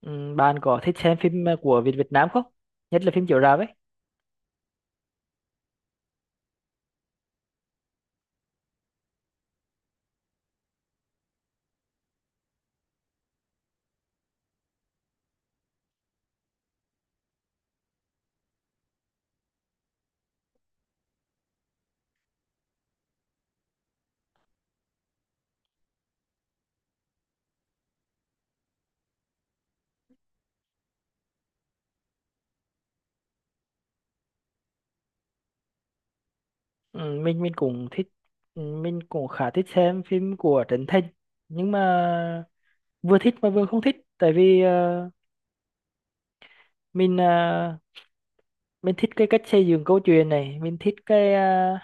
Bạn có thích xem phim của Việt Việt Nam không? Nhất là phim chiếu rạp ấy. Mình cũng thích, mình cũng khá thích xem phim của Trấn Thành, nhưng mà vừa thích mà vừa không thích, tại vì mình ờ, mình thích cái cách xây dựng câu chuyện này, mình thích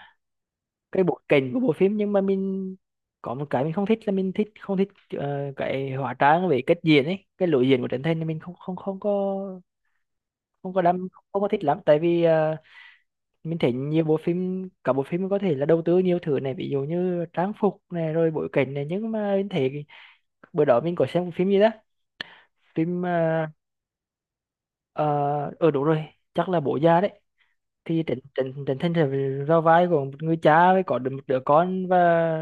cái bối cảnh của bộ phim, nhưng mà mình có một cái mình không thích là mình thích không thích cái hóa trang về cách diễn ấy, cái lối diễn của Trấn Thành thì mình không không không có, không có đam không có thích lắm, tại vì mình thấy nhiều bộ phim, cả bộ phim có thể là đầu tư nhiều thứ này, ví dụ như trang phục này rồi bối cảnh này, nhưng mà mình thấy bữa đó mình có xem một phim gì đó. Phim ờ ở Đúng rồi, chắc là Bố Già đấy. Thì Trịnh Trịnh Trịnh Thành là vào vai của một người cha, với có được một đứa con, và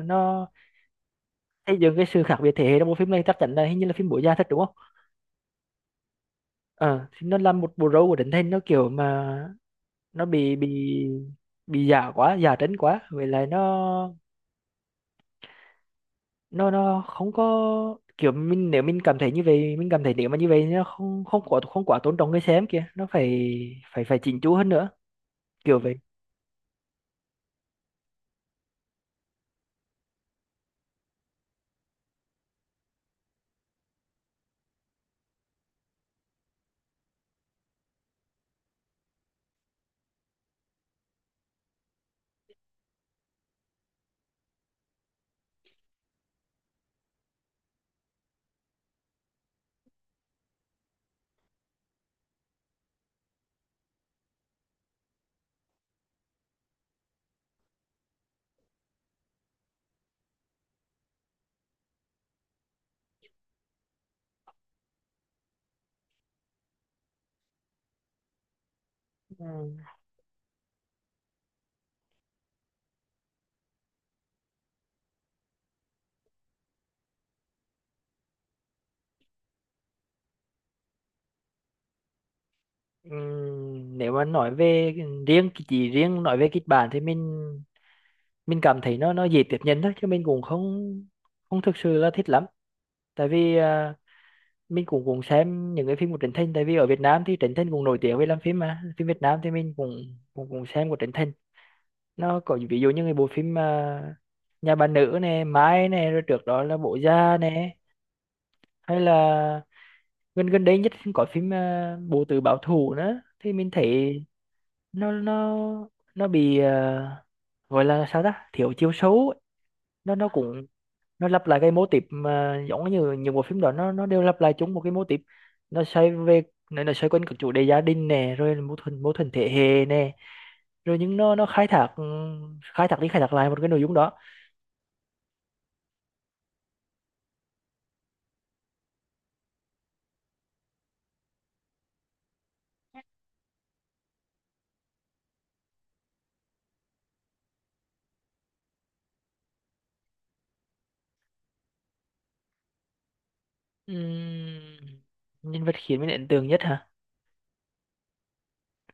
nó xây dựng cái sự khác biệt thế hệ trong bộ phim này. Chắc chắn là, hình như là phim Bố Già thật đúng không? Ờ thì nó làm một bộ râu của Trịnh Thành nó kiểu mà nó bị giả quá, giả trấn quá, vậy là nó không có kiểu, mình nếu mình cảm thấy như vậy, mình cảm thấy nếu mà như vậy nó không không quá không quá tôn trọng người xem kìa, nó phải phải phải chỉnh chu hơn nữa, kiểu vậy. Ừ. Nếu mà nói về riêng, chỉ riêng nói về kịch bản, thì mình cảm thấy nó dễ tiếp nhận thôi, chứ mình cũng không không thực sự là thích lắm, tại vì mình cũng cũng xem những cái phim của Trấn Thành, tại vì ở Việt Nam thì Trấn Thành cũng nổi tiếng về làm phim, mà phim Việt Nam thì mình cũng cũng cũng xem của Trấn Thành. Nó có ví dụ như cái bộ phim mà Nhà Bà Nữ nè, Mai nè, rồi trước đó là Bố Già nè, hay là gần gần đây nhất có phim Bộ Tứ Báo Thù nữa, thì mình thấy nó nó nó bị gọi là sao, ta thiếu chiều sâu ấy. Nó cũng, nó lặp lại cái mô típ mà giống như những bộ phim đó, nó đều lặp lại chung một cái mô típ. nó xoay về nó xoay quanh các chủ đề gia đình nè, rồi mâu thuẫn thế hệ nè, rồi nhưng nó khai thác, khai thác đi khai thác lại một cái nội dung đó. Ừm, Nhân vật khiến mình ấn tượng nhất hả?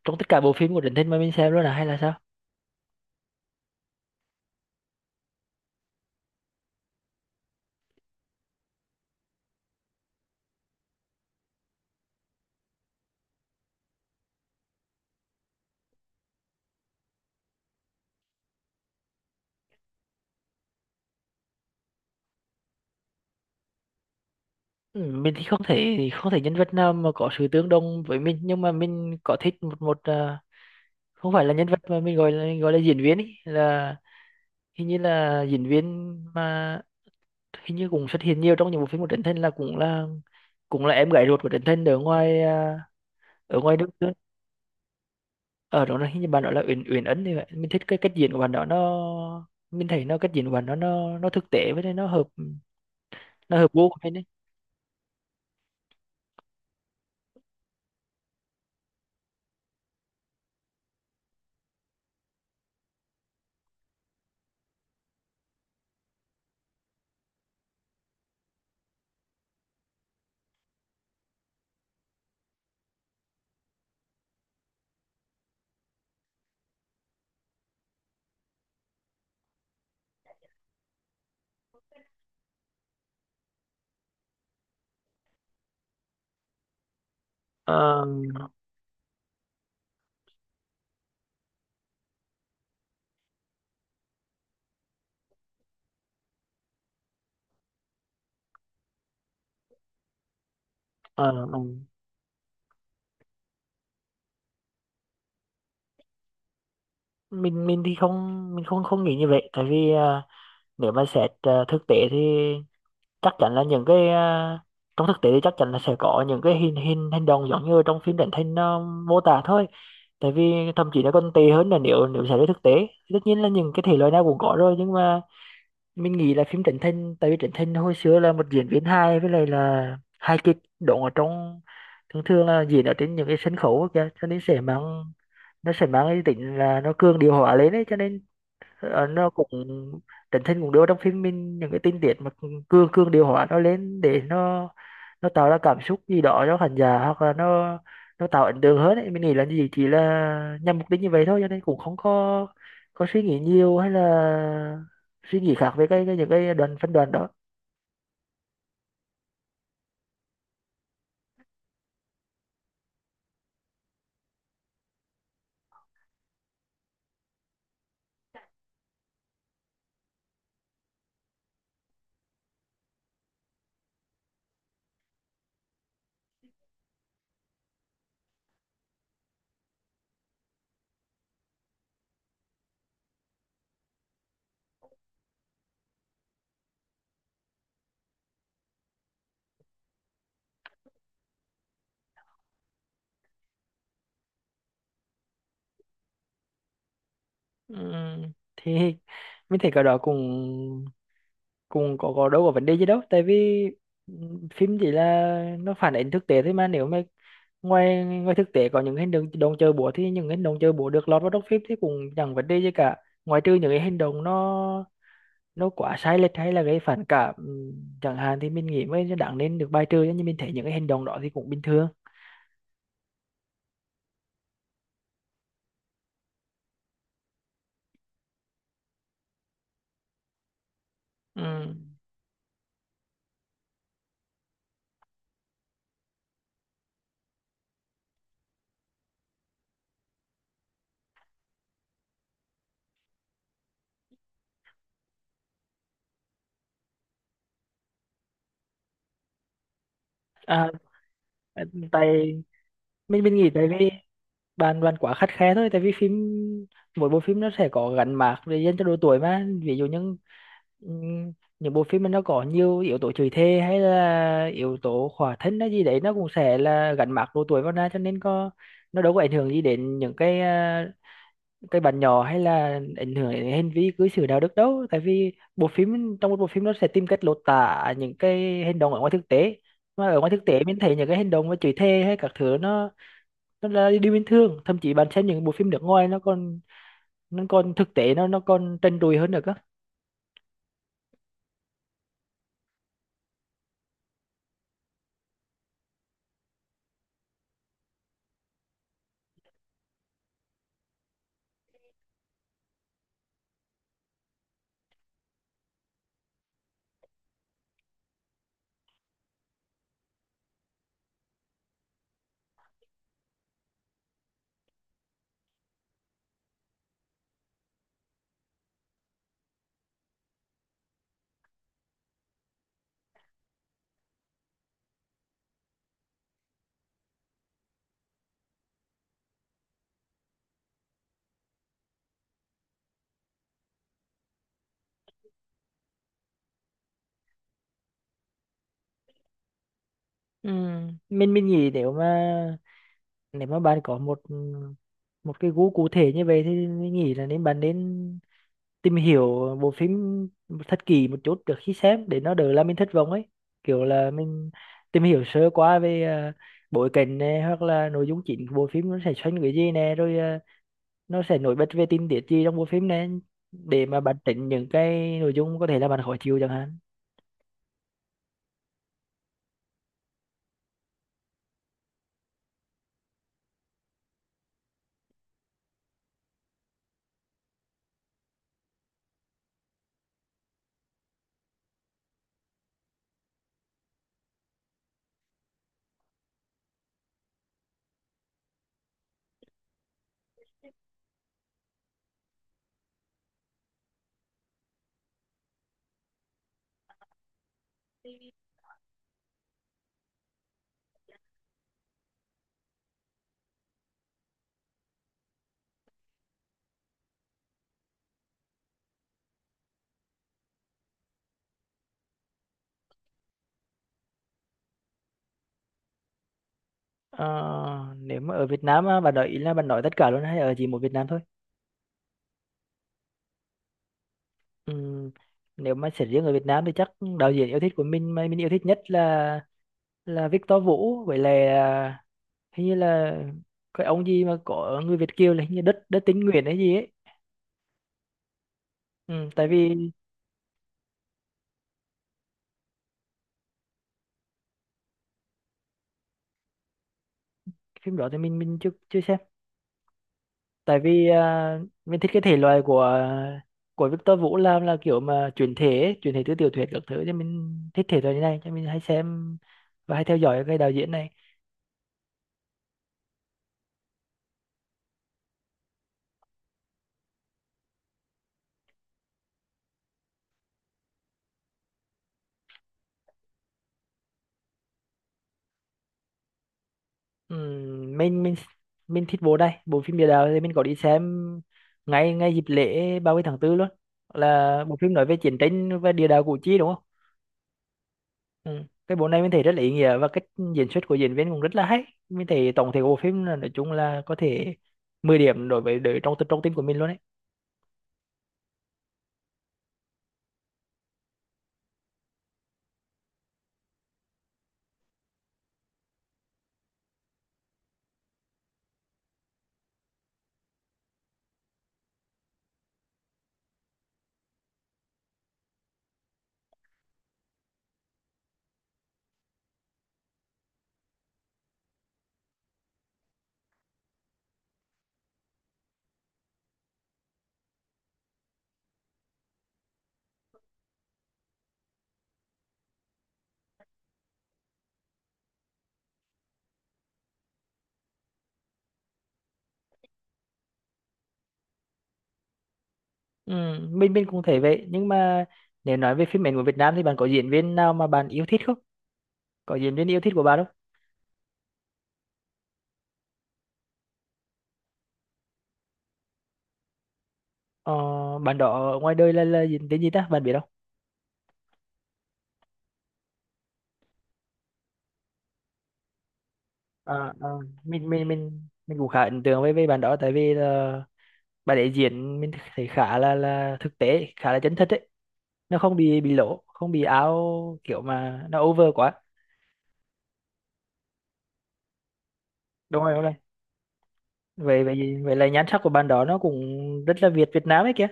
Trong tất cả bộ phim của Trấn Thành mà mình xem luôn à, hay là sao? Mình thì không thể nhân vật nào mà có sự tương đồng với mình, nhưng mà mình có thích một một à, không phải là nhân vật, mà mình gọi là diễn viên, ý là hình như là diễn viên mà hình như cũng xuất hiện nhiều trong những bộ phim của Trấn Thành, là cũng là cũng là em gái ruột của Trấn Thành ở ngoài, ở ngoài nước nữa. Ở đó là hình như bạn đó là Uyển Uyển Ấn thì vậy. Mình thích cái cách diễn của bạn đó, nó, mình thấy nó, cách diễn của bạn nó thực tế, với lại nó hợp gu của mình đấy. ờ, ờ, ừ. Mình thì không, mình không không nghĩ như vậy, tại vì nếu mà xét thực tế thì chắc chắn là những cái, trong thực tế thì chắc chắn là sẽ có những cái hình hình hành động giống như trong phim truyền hình nó mô tả thôi, tại vì thậm chí nó còn tệ hơn là nếu nếu xảy ra thực tế. Tất nhiên là những cái thể loại nào cũng có rồi, nhưng mà mình nghĩ là phim Trấn Thành, tại vì Trấn Thành hồi xưa là một diễn viên hài, với lại là hài kịch, đóng ở trong, thường thường là diễn ở trên những cái sân khấu á kìa, cho nên sẽ mang, nó sẽ mang cái tính là nó cường điệu hóa lên ấy, cho nên ờ, nó cũng, Trấn Thành cũng đưa vào trong phim mình những cái tình tiết mà cương cương điều hòa nó lên, để nó tạo ra cảm xúc gì đó cho khán giả, hoặc là nó tạo ấn tượng hơn ấy. Mình nghĩ là gì, chỉ là nhằm mục đích như vậy thôi, cho nên cũng không có có suy nghĩ nhiều, hay là suy nghĩ khác về cái những cái đoạn, phân đoạn đó. Ừm, thì mình thấy cái đó cũng cũng có đâu, có vấn đề gì đâu, tại vì ừ, phim chỉ là nó phản ánh thực tế thôi mà. Nếu mà ngoài, thực tế có những hành động động chơi búa, thì những hành động chơi búa được lọt vào trong phim thì cũng chẳng vấn đề gì cả. Ngoài trừ những cái hành động nó quá sai lệch hay là gây phản cảm chẳng hạn, thì mình nghĩ mới đáng nên được bài trừ, nhưng mình thấy những cái hành động đó thì cũng bình thường. Ừm. à, tại Mình nghĩ tại vì bạn bạn quá khắt khe thôi, tại vì phim, mỗi bộ phim nó sẽ có gắn mác để dành cho độ tuổi mà, ví dụ ừm, những bộ phim mà nó có nhiều yếu tố chửi thề, hay là yếu tố khỏa thân hay gì đấy, nó cũng sẽ là gắn mác độ tuổi vào ra, cho nên có, nó đâu có ảnh hưởng gì đến những cái bạn nhỏ, hay là ảnh hưởng đến hành vi cư xử đạo đức đâu, tại vì bộ phim, trong một bộ phim nó sẽ tìm cách lột tả những cái hành động ở ngoài thực tế, mà ở ngoài thực tế mình thấy những cái hành động mà chửi thề hay các thứ, nó là điều bình thường. Thậm chí bạn xem những bộ phim nước ngoài nó còn, nó còn thực tế, nó còn trần trụi hơn được á. Ừ. mình nghĩ nếu mà, nếu mà bạn có một một cái gu cụ thể như vậy, thì mình nghĩ là nên, bạn nên tìm hiểu bộ phim thật kỹ một chút trước khi xem, để nó đỡ là mình thất vọng ấy, kiểu là mình tìm hiểu sơ qua về bối cảnh này, hoặc là nội dung chính của bộ phim nó sẽ xoay quanh cái gì nè, rồi nó sẽ nổi bật về tình tiết gì trong bộ phim này, để mà bạn tránh những cái nội dung có thể là bạn khó chịu chẳng hạn. Ờ, nếu mà ở Việt Nam á, bạn nói ý là bạn nói tất cả luôn, hay ở chỉ một Việt Nam thôi? Ừm, Nếu mà sẽ riêng ở Việt Nam thì chắc đạo diễn yêu thích của mình, mà mình yêu thích nhất là Victor Vũ, với lại hình như là cái ông gì mà có người Việt kiều, là hình như đất đất tín Nguyễn hay gì ấy. Tại vì Phim đó thì mình chưa chưa xem, tại vì mình thích cái thể loại của Victor Vũ làm là kiểu mà chuyển thể ấy, chuyển thể từ tiểu thuyết các thứ, cho mình thích thể loại như này, cho mình hay xem và hay theo dõi cái đạo diễn này. Ừm, mình mình mình thích bộ, đây bộ phim Địa Đạo thì mình có đi xem ngay ngay dịp lễ 30 tháng tư luôn, là bộ phim nói về chiến tranh và địa đạo Củ Chi đúng không? Ừ. Cái bộ này mình thấy rất là ý nghĩa, và cách diễn xuất của diễn viên cũng rất là hay. Mình thấy tổng thể của bộ phim là, nói chung là có thể 10 điểm, đối trong, trong tim của mình luôn. Ừ, mình cũng thấy vậy, nhưng mà nếu nói về phim ảnh của Việt Nam thì bạn có diễn viên nào mà bạn yêu thích không? Có diễn viên yêu thích của bạn không? Ờ, bạn đó ở ngoài đời là diễn viên gì ta, bạn biết không? Ờ, ờ, mình cũng khá ấn tượng với bạn đó, tại vì là bạn ấy diễn mình thấy khá là thực tế, khá là chân thật ấy, nó không bị lỗ, không bị áo, kiểu mà nó over quá. Đúng rồi, đúng rồi, vậy vậy vậy là nhan sắc của bạn đó nó cũng rất là Việt Việt Nam ấy kìa.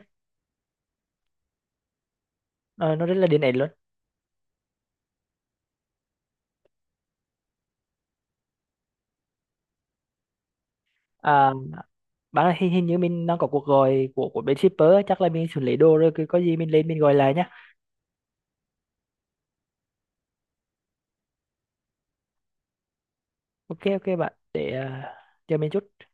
Ờ, nó rất là điển hình luôn. À bạn ơi, hình như mình đang có cuộc gọi của bên shipper á, chắc là mình xử lý đồ rồi, cứ có gì mình lên mình gọi lại nhá. Ok ok, bạn để chờ mình chút.